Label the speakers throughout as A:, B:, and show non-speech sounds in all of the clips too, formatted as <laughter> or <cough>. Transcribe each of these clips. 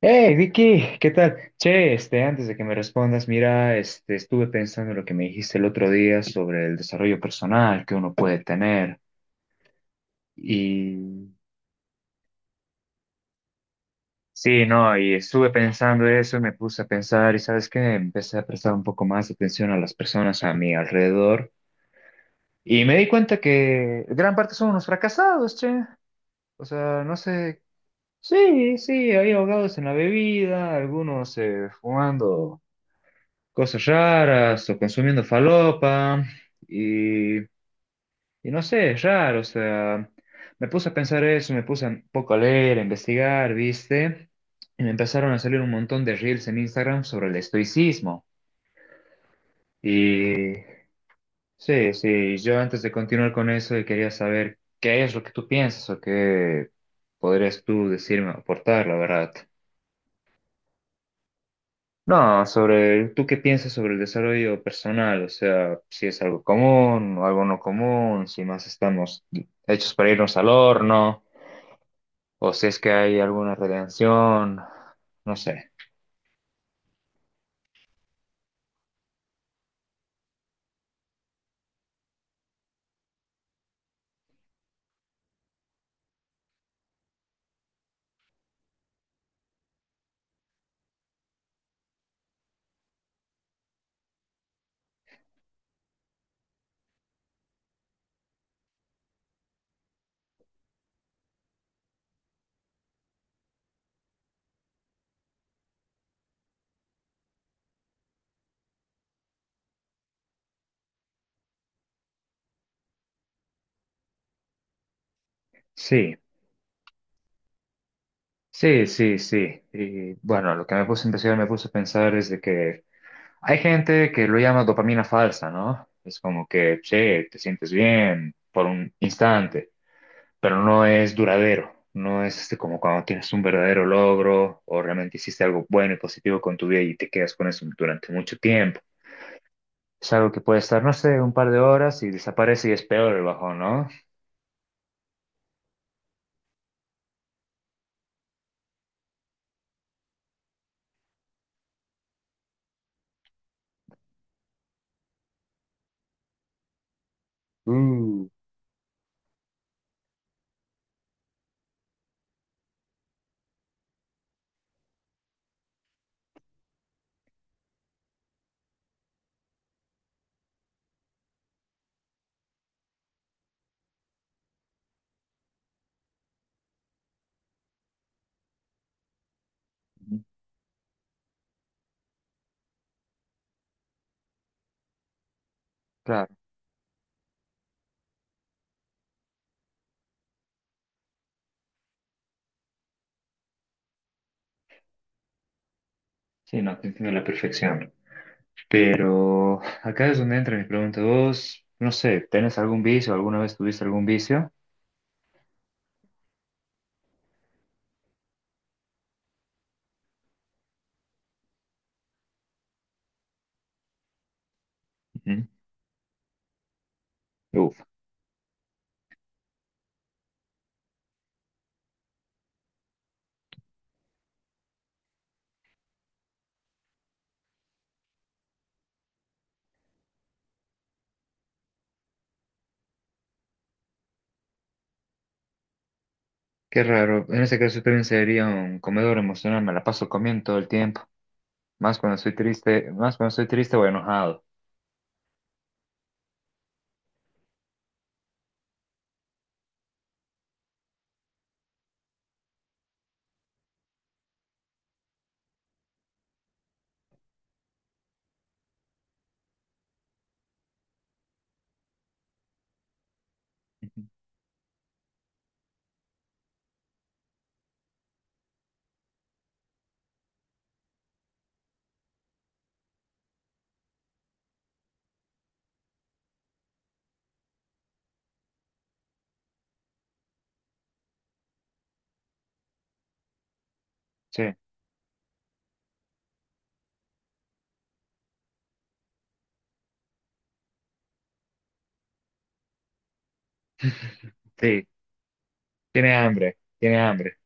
A: Hey Vicky, ¿qué tal? Che, este, antes de que me respondas, mira, este, estuve pensando en lo que me dijiste el otro día sobre el desarrollo personal que uno puede tener. Y sí, no, y estuve pensando eso y me puse a pensar, y sabes qué, empecé a prestar un poco más atención a las personas a mi alrededor. Y me di cuenta que gran parte son unos fracasados, che. O sea, no sé. Sí, sí, hay ahogados en la bebida, algunos fumando. Cosas raras o consumiendo falopa y, y no sé, es raro, o sea, me puse a pensar eso, me puse un poco a leer, a investigar, ¿viste? Y me empezaron a salir un montón de reels en Instagram sobre el estoicismo. Y sí, sí, yo antes de continuar con eso quería saber qué es lo que tú piensas o qué podrías tú decirme o aportar, la verdad. No, sobre tú qué piensas sobre el desarrollo personal, o sea, si es algo común o algo no común, si más estamos hechos para irnos al horno, o si es que hay alguna redención, no sé. Sí, sí, sí, sí. Y bueno, lo que me puse a investigar, me puse a pensar es de que hay gente que lo llama dopamina falsa, ¿no? Es como que, che, te sientes bien por un instante. Pero no es duradero. No es este, como cuando tienes un verdadero logro o realmente hiciste algo bueno y positivo con tu vida y te quedas con eso durante mucho tiempo. Es algo que puede estar, no sé, un par de horas y desaparece y es peor el bajón, ¿no? Mm, claro. Sí, no, te entiendo a la perfección. Pero acá es donde entra mi pregunta. Vos, no sé, ¿tenés algún vicio? ¿Alguna vez tuviste algún vicio? Ujú. Uf, qué raro. En ese caso yo también sería un comedor emocional. Me la paso comiendo todo el tiempo. Más cuando estoy triste, más cuando estoy triste o enojado. Ujú. Sí, sí, tiene hambre, tiene hambre.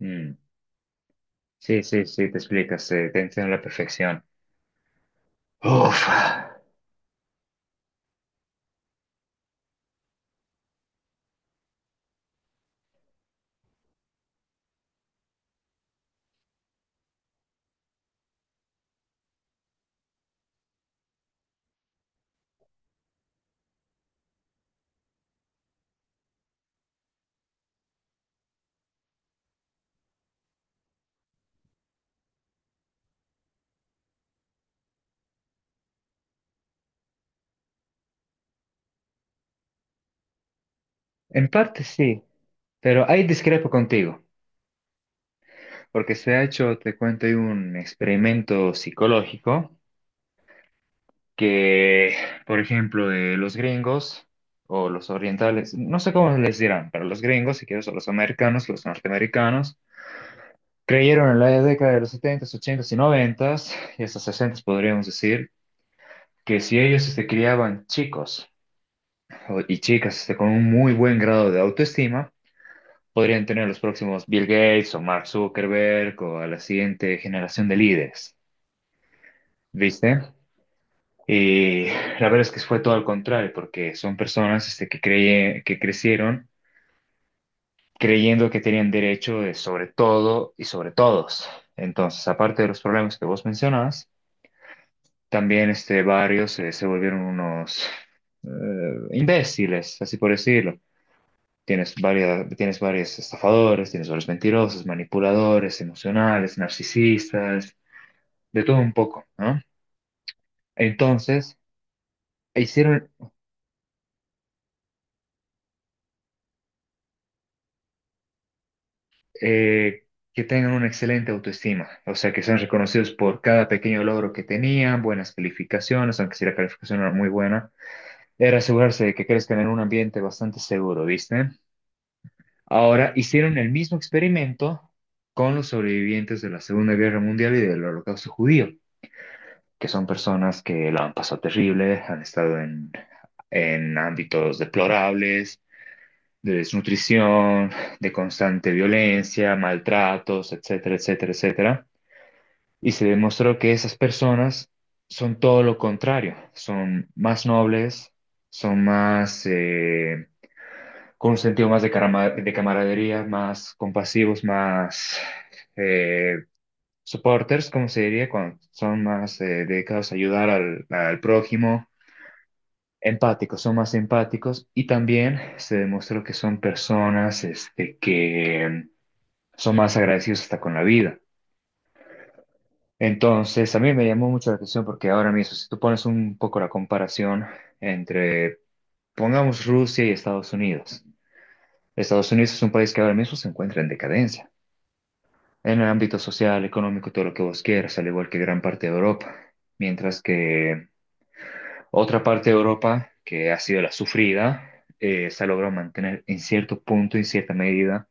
A: Mm, sí, sí, sí, te explicas, te entiendo a la perfección. Uf, en parte sí, pero ahí discrepo contigo, porque se ha hecho, te cuento, hay un experimento psicológico que, por ejemplo, de los gringos o los orientales, no sé cómo les dirán, pero los gringos, si quieres, o los americanos, los norteamericanos, creyeron en la década de los 70 ochentas y 90 y hasta 60 podríamos decir, que si ellos se criaban chicos y chicas este, con un muy buen grado de autoestima, podrían tener los próximos Bill Gates o Mark Zuckerberg o a la siguiente generación de líderes, ¿viste? Y la verdad es que fue todo al contrario, porque son personas este, que, que crecieron creyendo que tenían derecho de sobre todo y sobre todos. Entonces, aparte de los problemas que vos mencionabas, también este, varios se volvieron unos eh, imbéciles, así por decirlo. Tienes varias, tienes varios estafadores, tienes varios mentirosos, manipuladores, emocionales, narcisistas, de todo un poco, ¿no? Entonces, hicieron eh, que tengan una excelente autoestima, o sea, que sean reconocidos por cada pequeño logro que tenían, buenas calificaciones, aunque si la calificación no era muy buena, era asegurarse de que crezcan en un ambiente bastante seguro, ¿viste? Ahora hicieron el mismo experimento con los sobrevivientes de la Segunda Guerra Mundial y del Holocausto judío, que son personas que la han pasado terrible, han estado en ámbitos deplorables, de desnutrición, de constante violencia, maltratos, etcétera, etcétera, etcétera. Y se demostró que esas personas son todo lo contrario, son más nobles, son más con un sentido más de camaradería, más compasivos, más eh, supporters, como se diría, cuando son más dedicados a ayudar al prójimo, empáticos, son más empáticos y también se demostró que son personas este, que son más agradecidos hasta con la vida. Entonces, a mí me llamó mucho la atención porque ahora mismo, si tú pones un poco la comparación entre, pongamos, Rusia y Estados Unidos. Estados Unidos es un país que ahora mismo se encuentra en decadencia en el ámbito social, económico, todo lo que vos quieras, al igual que gran parte de Europa. Mientras que otra parte de Europa, que ha sido la sufrida, se ha logrado mantener en cierto punto, en cierta medida,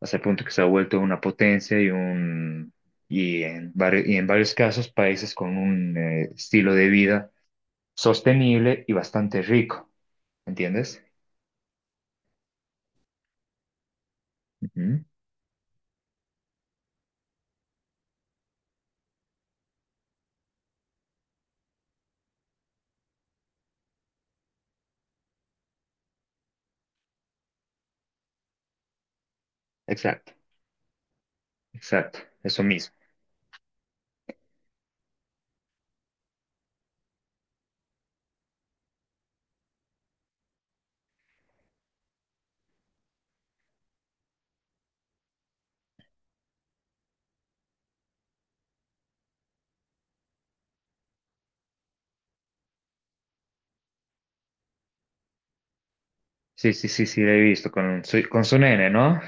A: hasta el punto que se ha vuelto una potencia y un. Y en varios casos, países con un estilo de vida sostenible y bastante rico, ¿entiendes? Ujú. Exacto, exacto, eso mismo. Sí, sí, sí, sí, lo he visto con su nene, ¿no?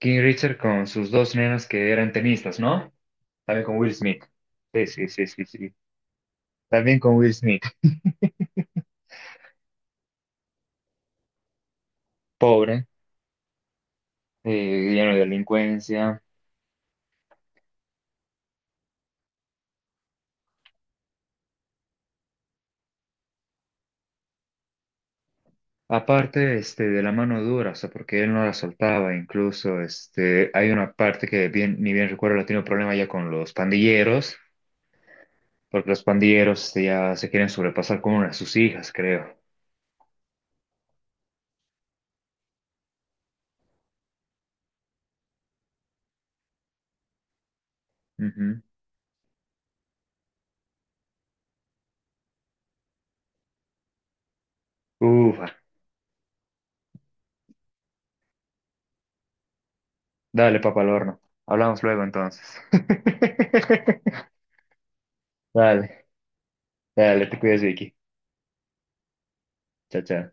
A: King Richard con sus dos nenas que eran tenistas, ¿no? También con Will Smith. Sí, sí, sí, sí, sí. También con Will Smith. Pobre, lleno de delincuencia. Aparte, este, de la mano dura, o sea, porque él no la soltaba. Incluso, este, hay una parte que bien, ni bien recuerdo, la tiene un problema ya con los pandilleros, porque los pandilleros este, ya se quieren sobrepasar con una de sus hijas, creo. Ujú. Ufa. Dale, papá, al horno. Hablamos luego entonces. <laughs> Dale, dale, te cuidas, Vicky. Chao, chao.